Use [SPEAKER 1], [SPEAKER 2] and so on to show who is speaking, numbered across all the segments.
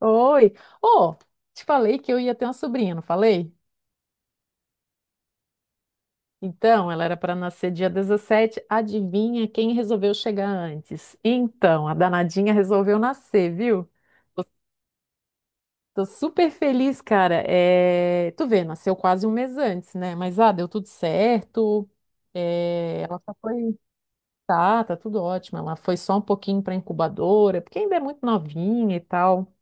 [SPEAKER 1] Oi! Ô, te falei que eu ia ter uma sobrinha, não falei? Então, ela era para nascer dia 17. Adivinha quem resolveu chegar antes? Então, a danadinha resolveu nascer, viu? Tô, tô super feliz, cara. Tu vê, nasceu quase um mês antes, né? Mas deu tudo certo. Ela só foi. Tá tudo ótimo. Ela foi só um pouquinho para incubadora, porque ainda é muito novinha e tal.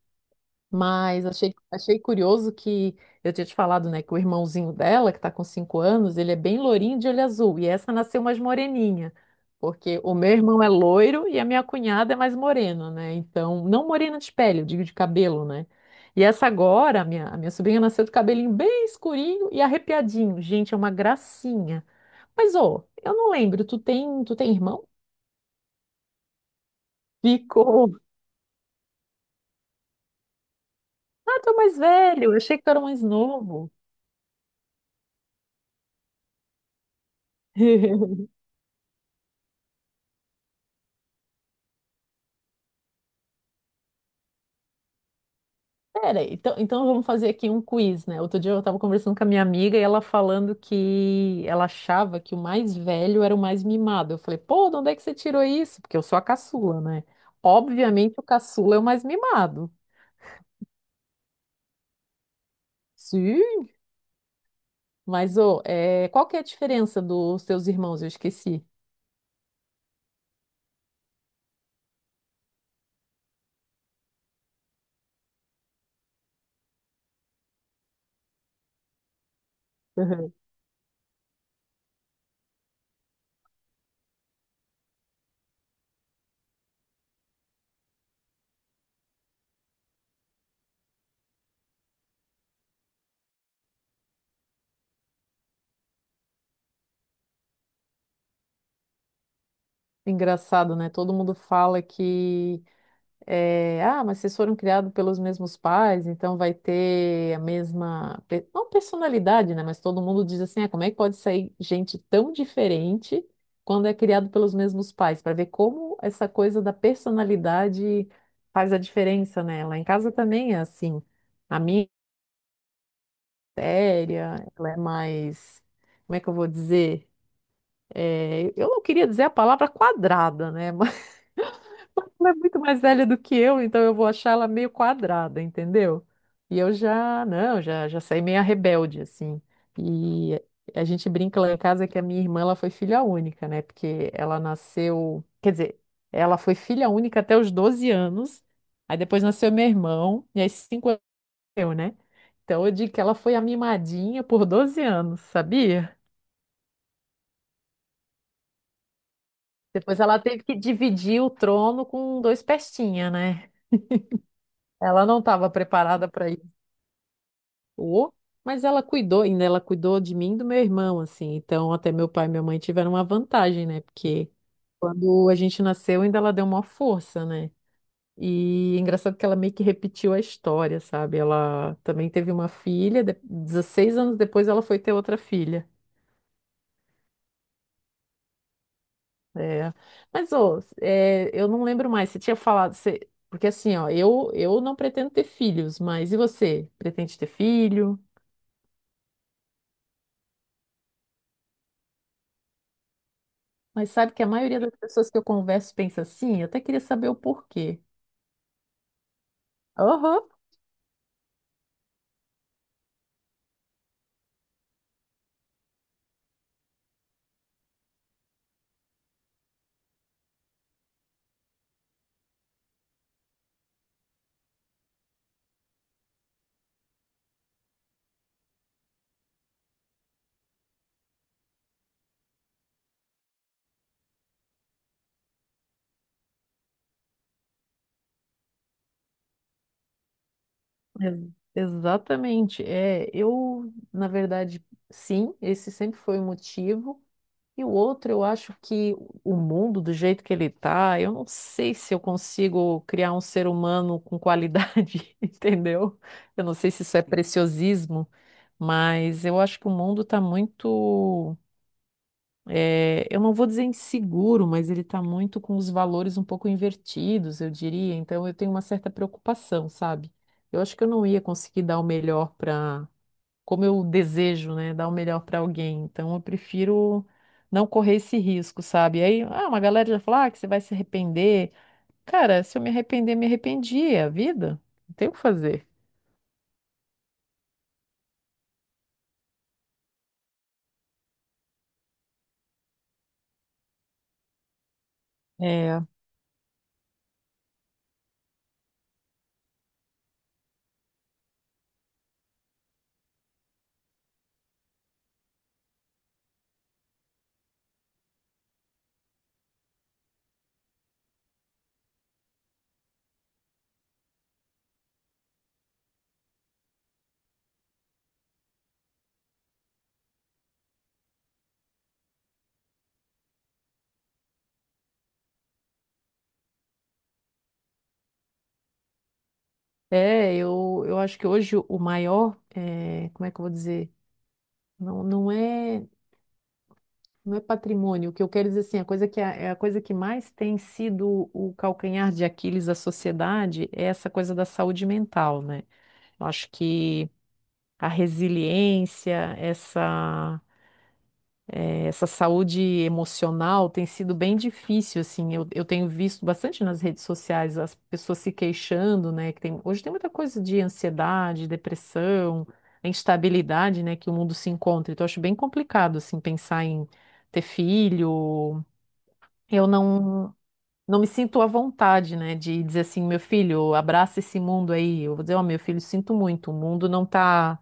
[SPEAKER 1] Mas achei curioso que eu tinha te falado, né, que o irmãozinho dela, que tá com cinco anos, ele é bem lourinho de olho azul, e essa nasceu mais moreninha, porque o meu irmão é loiro e a minha cunhada é mais morena, né? Então, não morena de pele, eu digo de cabelo, né? E essa agora, a minha sobrinha nasceu de cabelinho bem escurinho e arrepiadinho. Gente, é uma gracinha. Mas, ô, eu não lembro, tu tem irmão? Ficou. Ah, tu é mais velho, eu achei que tu era mais novo. Pera, então vamos fazer aqui um quiz, né? Outro dia eu tava conversando com a minha amiga e ela falando que ela achava que o mais velho era o mais mimado. Eu falei, pô, de onde é que você tirou isso? Porque eu sou a caçula, né? Obviamente o caçula é o mais mimado. Sim. Mas, ô, qual que é a diferença dos teus irmãos? Eu esqueci. Uhum. Engraçado, né? Todo mundo fala que mas vocês foram criados pelos mesmos pais, então vai ter a mesma, não personalidade, né? Mas todo mundo diz assim, ah, como é que pode sair gente tão diferente quando é criado pelos mesmos pais? Para ver como essa coisa da personalidade faz a diferença, né? Lá em casa também é assim. A minha é séria, ela é mais, como é que eu vou dizer? Eu não queria dizer a palavra quadrada, né? Ela é muito mais velha do que eu, então eu vou achar ela meio quadrada, entendeu? E eu já, não, já saí meio rebelde, assim. E a gente brinca lá em casa que a minha irmã, ela foi filha única, né? Porque ela nasceu, quer dizer, ela foi filha única até os 12 anos, aí depois nasceu meu irmão, e aí cinco anos eu, né? Então eu digo que ela foi a mimadinha por 12 anos, sabia? Depois ela teve que dividir o trono com dois pestinha, né? Ela não estava preparada para. Ô, mas ela cuidou, ainda ela cuidou de mim e do meu irmão, assim. Então, até meu pai e minha mãe tiveram uma vantagem, né? Porque quando a gente nasceu, ainda ela deu uma força, né? E engraçado que ela meio que repetiu a história, sabe? Ela também teve uma filha, 16 anos depois ela foi ter outra filha. É. Mas, ô, eu não lembro mais, você tinha falado, você... porque assim, ó, eu não pretendo ter filhos, mas e você? Pretende ter filho? Mas sabe que a maioria das pessoas que eu converso pensa assim? Eu até queria saber o porquê. Aham. Exatamente. Eu, na verdade, sim, esse sempre foi o motivo. E o outro, eu acho que o mundo, do jeito que ele está, eu não sei se eu consigo criar um ser humano com qualidade, entendeu? Eu não sei se isso é preciosismo, mas eu acho que o mundo está muito. Eu não vou dizer inseguro, mas ele está muito com os valores um pouco invertidos, eu diria. Então eu tenho uma certa preocupação, sabe? Eu acho que eu não ia conseguir dar o melhor para, como eu desejo, né? Dar o melhor para alguém. Então eu prefiro não correr esse risco, sabe? Aí, ah, uma galera já fala, ah, que você vai se arrepender. Cara, se eu me arrepender, me arrependi, é a vida. Não tem o que fazer. É, eu acho que hoje o maior, como é que eu vou dizer? Não, não é. Não é patrimônio. O que eu quero dizer assim, a coisa que é a coisa que mais tem sido o calcanhar de Aquiles da sociedade é essa coisa da saúde mental, né? Eu acho que a resiliência, essa saúde emocional tem sido bem difícil, assim. Eu tenho visto bastante nas redes sociais as pessoas se queixando, né? Que tem, hoje tem muita coisa de ansiedade, depressão, a instabilidade, né? Que o mundo se encontra. Então, eu acho bem complicado, assim, pensar em ter filho, eu não, não me sinto à vontade, né, de dizer assim, meu filho, abraça esse mundo aí. Eu vou dizer, ó, meu filho, sinto muito, o mundo não tá,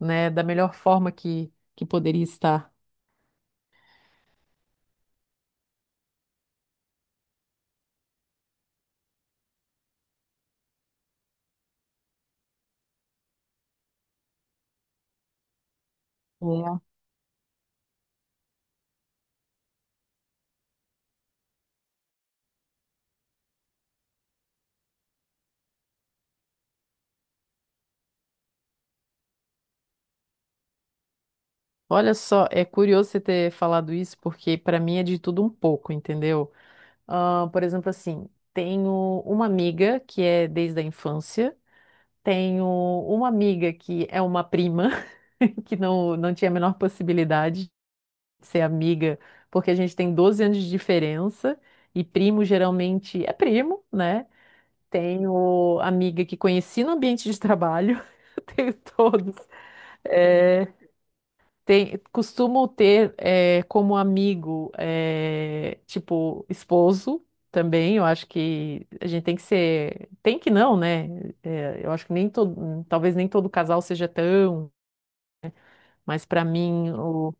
[SPEAKER 1] né, da melhor forma que poderia estar. É. Olha só, é curioso você ter falado isso, porque para mim é de tudo um pouco, entendeu? Ah, por exemplo, assim, tenho uma amiga que é desde a infância, tenho uma amiga que é uma prima, que não, não tinha a menor possibilidade. Ser amiga, porque a gente tem 12 anos de diferença e primo geralmente é primo, né? Tenho amiga que conheci no ambiente de trabalho, eu tenho todos. É, tem, costumo ter como amigo, tipo, esposo também. Eu acho que a gente tem que ser. Tem que não, né? Eu acho que nem todo. Talvez nem todo casal seja tão, mas para mim, o.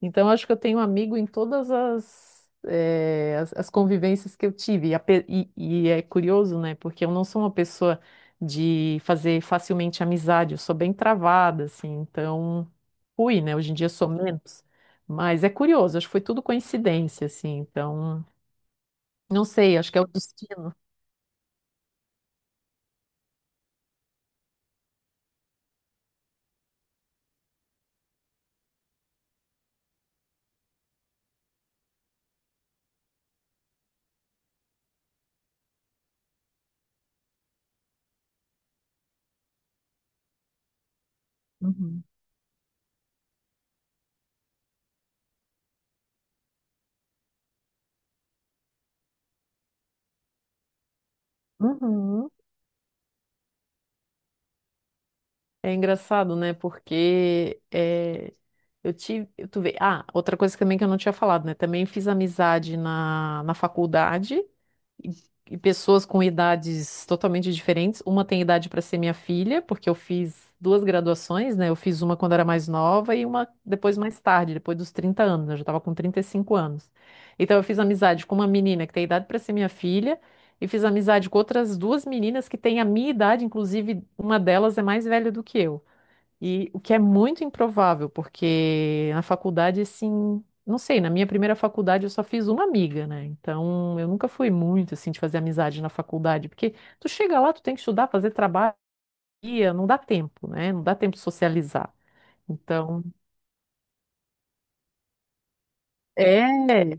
[SPEAKER 1] Então, acho que eu tenho amigo em todas as, as convivências que eu tive. E, e é curioso, né? Porque eu não sou uma pessoa de fazer facilmente amizade, eu sou bem travada, assim. Então, fui, né? Hoje em dia sou menos. Mas é curioso, acho que foi tudo coincidência, assim. Então, não sei, acho que é o destino. Uhum. Uhum. É engraçado, né? Porque eu tive. Tu vê, ah, outra coisa também que eu não tinha falado, né? Também fiz amizade na, na faculdade e, e pessoas com idades totalmente diferentes. Uma tem idade para ser minha filha, porque eu fiz duas graduações, né? Eu fiz uma quando era mais nova e uma depois mais tarde, depois dos 30 anos. Eu já estava com 35 anos. Então eu fiz amizade com uma menina que tem idade para ser minha filha. E fiz amizade com outras duas meninas que têm a minha idade, inclusive uma delas é mais velha do que eu. E o que é muito improvável, porque na faculdade, assim, não sei, na minha primeira faculdade eu só fiz uma amiga, né? Então eu nunca fui muito, assim, de fazer amizade na faculdade, porque tu chega lá, tu tem que estudar, fazer trabalho, e não dá tempo, né? Não dá tempo de socializar. Então, é.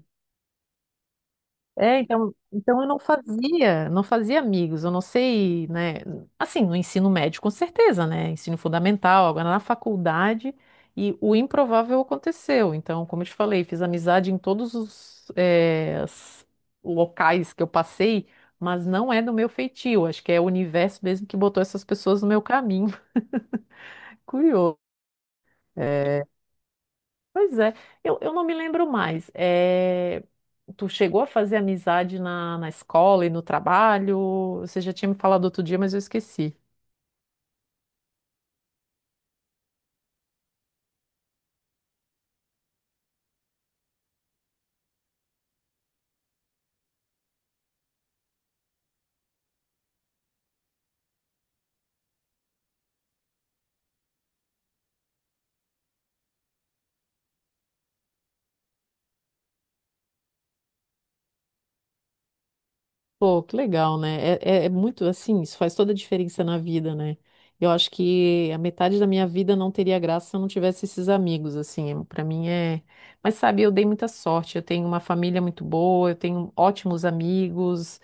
[SPEAKER 1] Então eu não fazia amigos, eu não sei, né? Assim, no ensino médio, com certeza, né? Ensino fundamental, agora na faculdade, e o improvável aconteceu. Então, como eu te falei, fiz amizade em todos os, locais que eu passei, mas não é do meu feitio, acho que é o universo mesmo que botou essas pessoas no meu caminho. Curioso. Pois é, eu não me lembro mais. Tu chegou a fazer amizade na, na escola e no trabalho? Você já tinha me falado outro dia, mas eu esqueci. Pô, que legal, né? É muito assim, isso faz toda a diferença na vida, né? Eu acho que a metade da minha vida não teria graça se eu não tivesse esses amigos, assim, pra mim é. Mas sabe, eu dei muita sorte, eu tenho uma família muito boa, eu tenho ótimos amigos,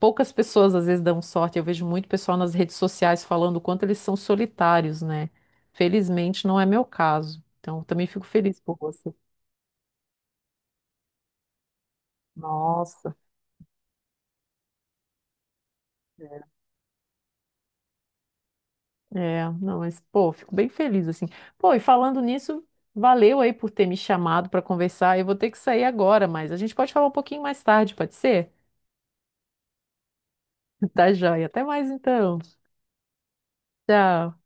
[SPEAKER 1] poucas pessoas às vezes dão sorte. Eu vejo muito pessoal nas redes sociais falando o quanto eles são solitários, né? Felizmente não é meu caso. Então, eu também fico feliz por você. Nossa. Não, mas pô, fico bem feliz assim. Pô, e falando nisso, valeu aí por ter me chamado para conversar. Eu vou ter que sair agora, mas a gente pode falar um pouquinho mais tarde, pode ser? Tá joia. Até mais então. Tchau.